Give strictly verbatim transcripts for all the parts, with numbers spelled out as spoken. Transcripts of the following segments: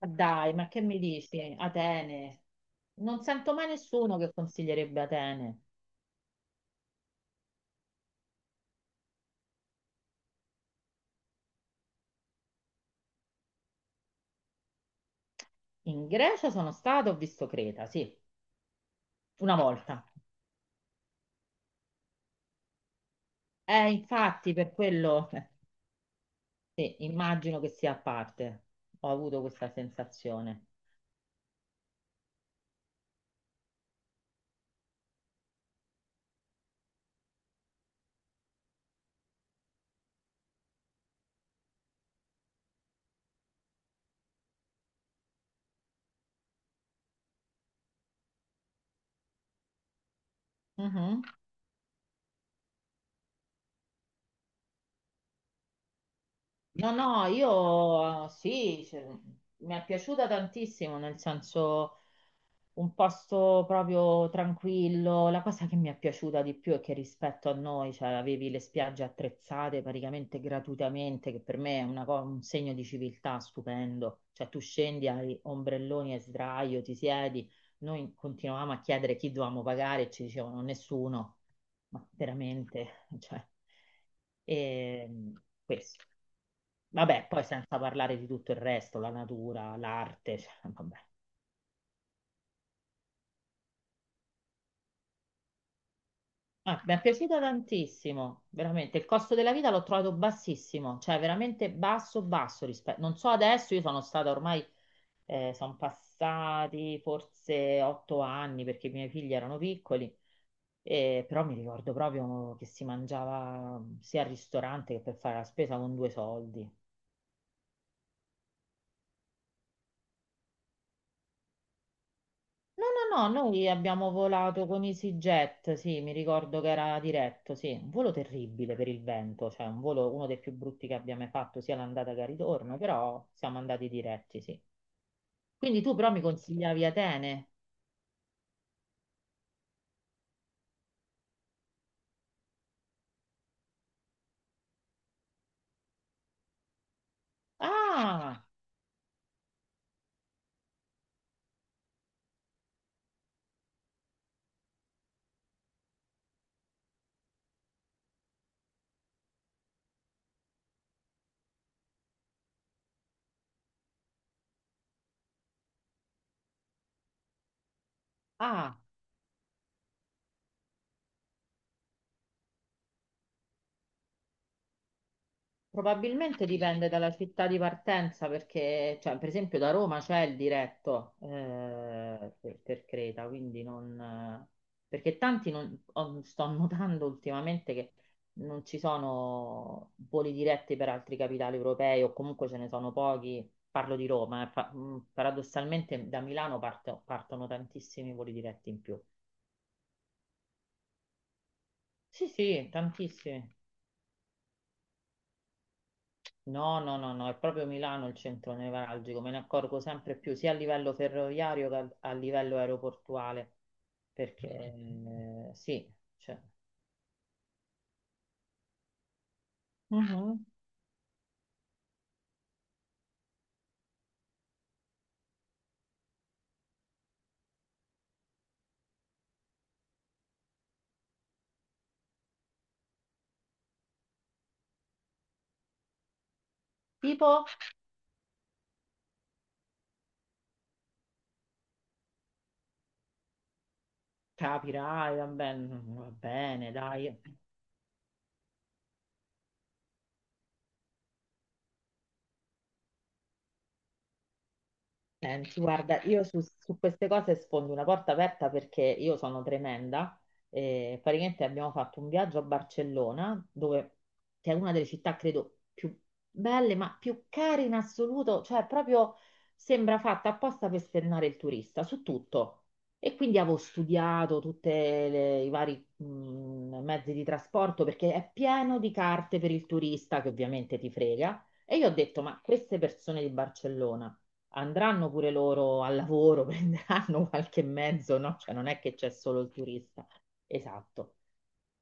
Ma dai, ma che mi dici? Atene. Non sento mai nessuno che consiglierebbe Atene. In Grecia sono stato, ho visto Creta, sì, una volta. Eh, infatti, per quello, eh, sì, immagino che sia a parte. Ho avuto questa sensazione. Mhm. No, no, io sì, cioè, mi è piaciuta tantissimo, nel senso un posto proprio tranquillo. La cosa che mi è piaciuta di più è che rispetto a noi, cioè, avevi le spiagge attrezzate praticamente gratuitamente, che per me è una co- un segno di civiltà stupendo. Cioè, tu scendi, hai ombrelloni e sdraio, ti siedi. Noi continuavamo a chiedere chi dovevamo pagare e ci dicevano nessuno, ma veramente, cioè, e questo. Vabbè, poi senza parlare di tutto il resto, la natura, l'arte, cioè, vabbè. Ah, mi è piaciuta tantissimo, veramente. Il costo della vita l'ho trovato bassissimo, cioè veramente basso, basso rispetto. Non so adesso, io sono stata ormai, eh, sono passati forse otto anni perché i miei figli erano piccoli, eh, però mi ricordo proprio che si mangiava sia al ristorante che per fare la spesa con due soldi. No, no, no, noi abbiamo volato con EasyJet, sì, mi ricordo che era diretto, sì, un volo terribile per il vento, cioè un volo uno dei più brutti che abbia mai fatto, sia l'andata che il ritorno, però siamo andati diretti, sì. Quindi tu però mi consigliavi Atene. Ah, ah. Probabilmente dipende dalla città di partenza perché, cioè, per esempio, da Roma c'è il diretto eh, per, per Creta, quindi non... eh, perché tanti non... ho- sto notando ultimamente che non ci sono voli diretti per altri capitali europei o comunque ce ne sono pochi. Parlo di Roma, eh, pa- mh, paradossalmente da Milano parto- partono tantissimi voli diretti in più. Sì, sì, tantissimi. No, no, no, no, è proprio Milano il centro nevralgico, me ne accorgo sempre più sia a livello ferroviario che a, a livello aeroportuale, perché eh, sì, cioè, mhm. Tipo, capirai, va bene, va bene, dai. Senti, guarda, io su, su queste cose sfondo una porta aperta perché io sono tremenda. Eh, praticamente abbiamo fatto un viaggio a Barcellona, dove, che è una delle città, credo, più belle, ma più care in assoluto. Cioè, proprio sembra fatta apposta per spennare il turista su tutto. E quindi avevo studiato tutti i vari mh, mezzi di trasporto perché è pieno di carte per il turista che ovviamente ti frega. E io ho detto, ma queste persone di Barcellona andranno pure loro al lavoro, prenderanno qualche mezzo, no? Cioè non è che c'è solo il turista. Esatto.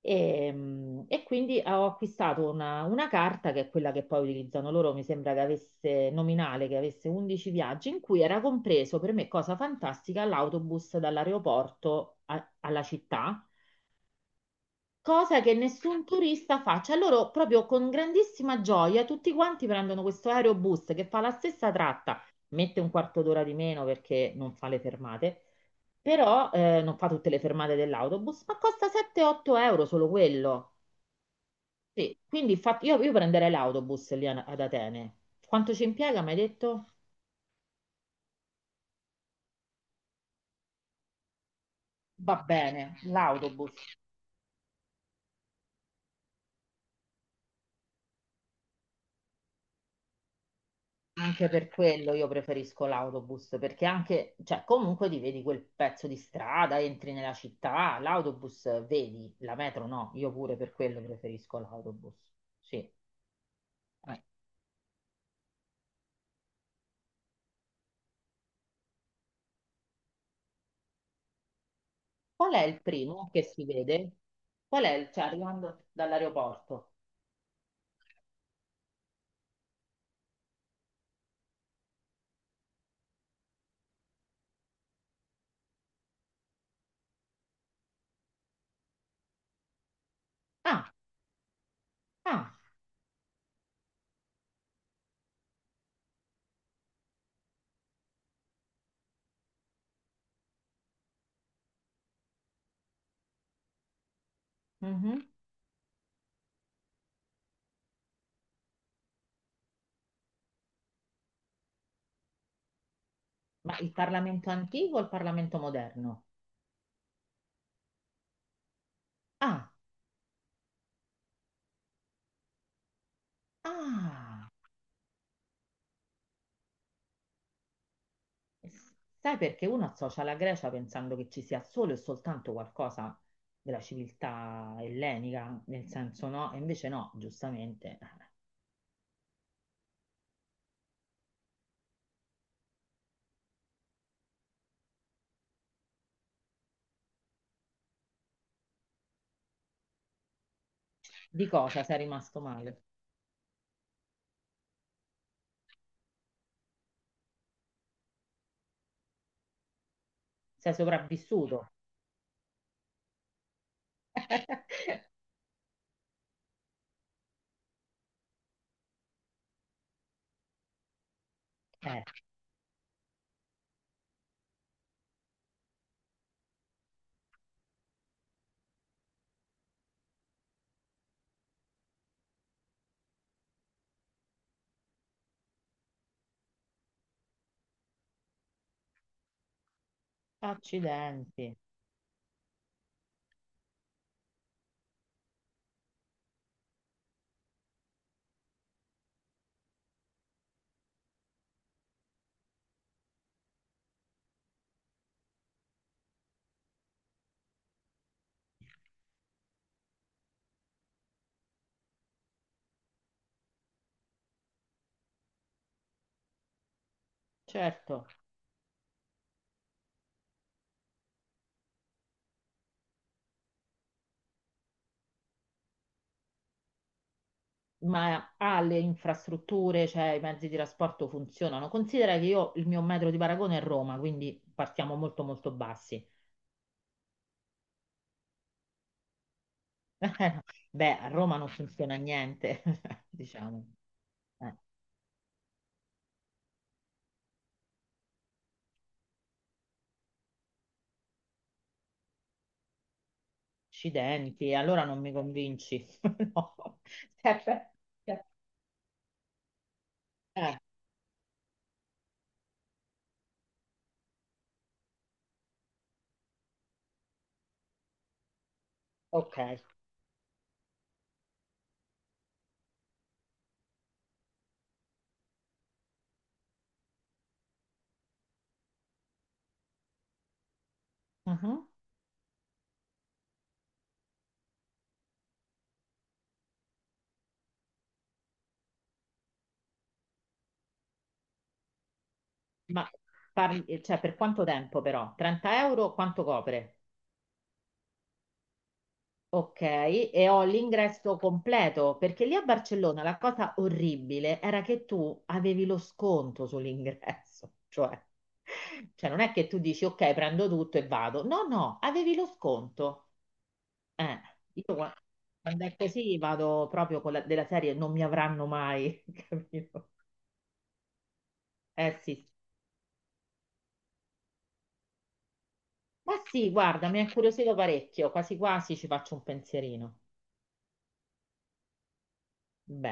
E, mm, e quindi ho acquistato una, una carta che è quella che poi utilizzano loro, mi sembra che avesse nominale, che avesse undici viaggi, in cui era compreso per me, cosa fantastica, l'autobus dall'aeroporto a- alla città, cosa che nessun turista fa. Cioè loro proprio con grandissima gioia tutti quanti prendono questo aerobus che fa la stessa tratta, mette un quarto d'ora di meno perché non fa le fermate, però eh, non fa tutte le fermate dell'autobus, ma costa sette-otto euro solo quello. Sì, quindi fa- io, io prenderei l'autobus lì a- ad Atene. Quanto ci impiega, mi hai detto? Va bene, l'autobus. Anche per quello io preferisco l'autobus, perché anche, cioè comunque ti vedi quel pezzo di strada, entri nella città, l'autobus vedi, la metro no, io pure per quello preferisco l'autobus. Sì. Eh, Qual è il primo che si vede? Qual è il, cioè arrivando dall'aeroporto? Ah, ah, mhm. Ma il Parlamento antico o il Parlamento moderno? Ah, ah. Sai perché uno associa la Grecia pensando che ci sia solo e soltanto qualcosa della civiltà ellenica, nel senso no, e invece no, giustamente. Di cosa sei rimasto male? Sei sopravvissuto? Eh, Accidenti, certo. Ma ha le infrastrutture, cioè i mezzi di trasporto funzionano. Considera che io il mio metro di paragone è Roma, quindi partiamo molto molto bassi. Beh, a Roma non funziona niente, diciamo. Eh. Accidenti, allora non mi convinci. No. Eh, beh, eh, eh, ok. Mhm. Ma parli- cioè, per quanto tempo però? trenta euro quanto copre? Ok, e ho l'ingresso completo, perché lì a Barcellona la cosa orribile era che tu avevi lo sconto sull'ingresso, cioè, cioè non è che tu dici ok, prendo tutto e vado. No, no, avevi lo sconto. Eh, io qua- quando è così vado proprio con la, della serie, non mi avranno mai, capito? Eh sì, ma sì, guarda, mi ha incuriosito parecchio, quasi quasi ci faccio un pensierino. Bene.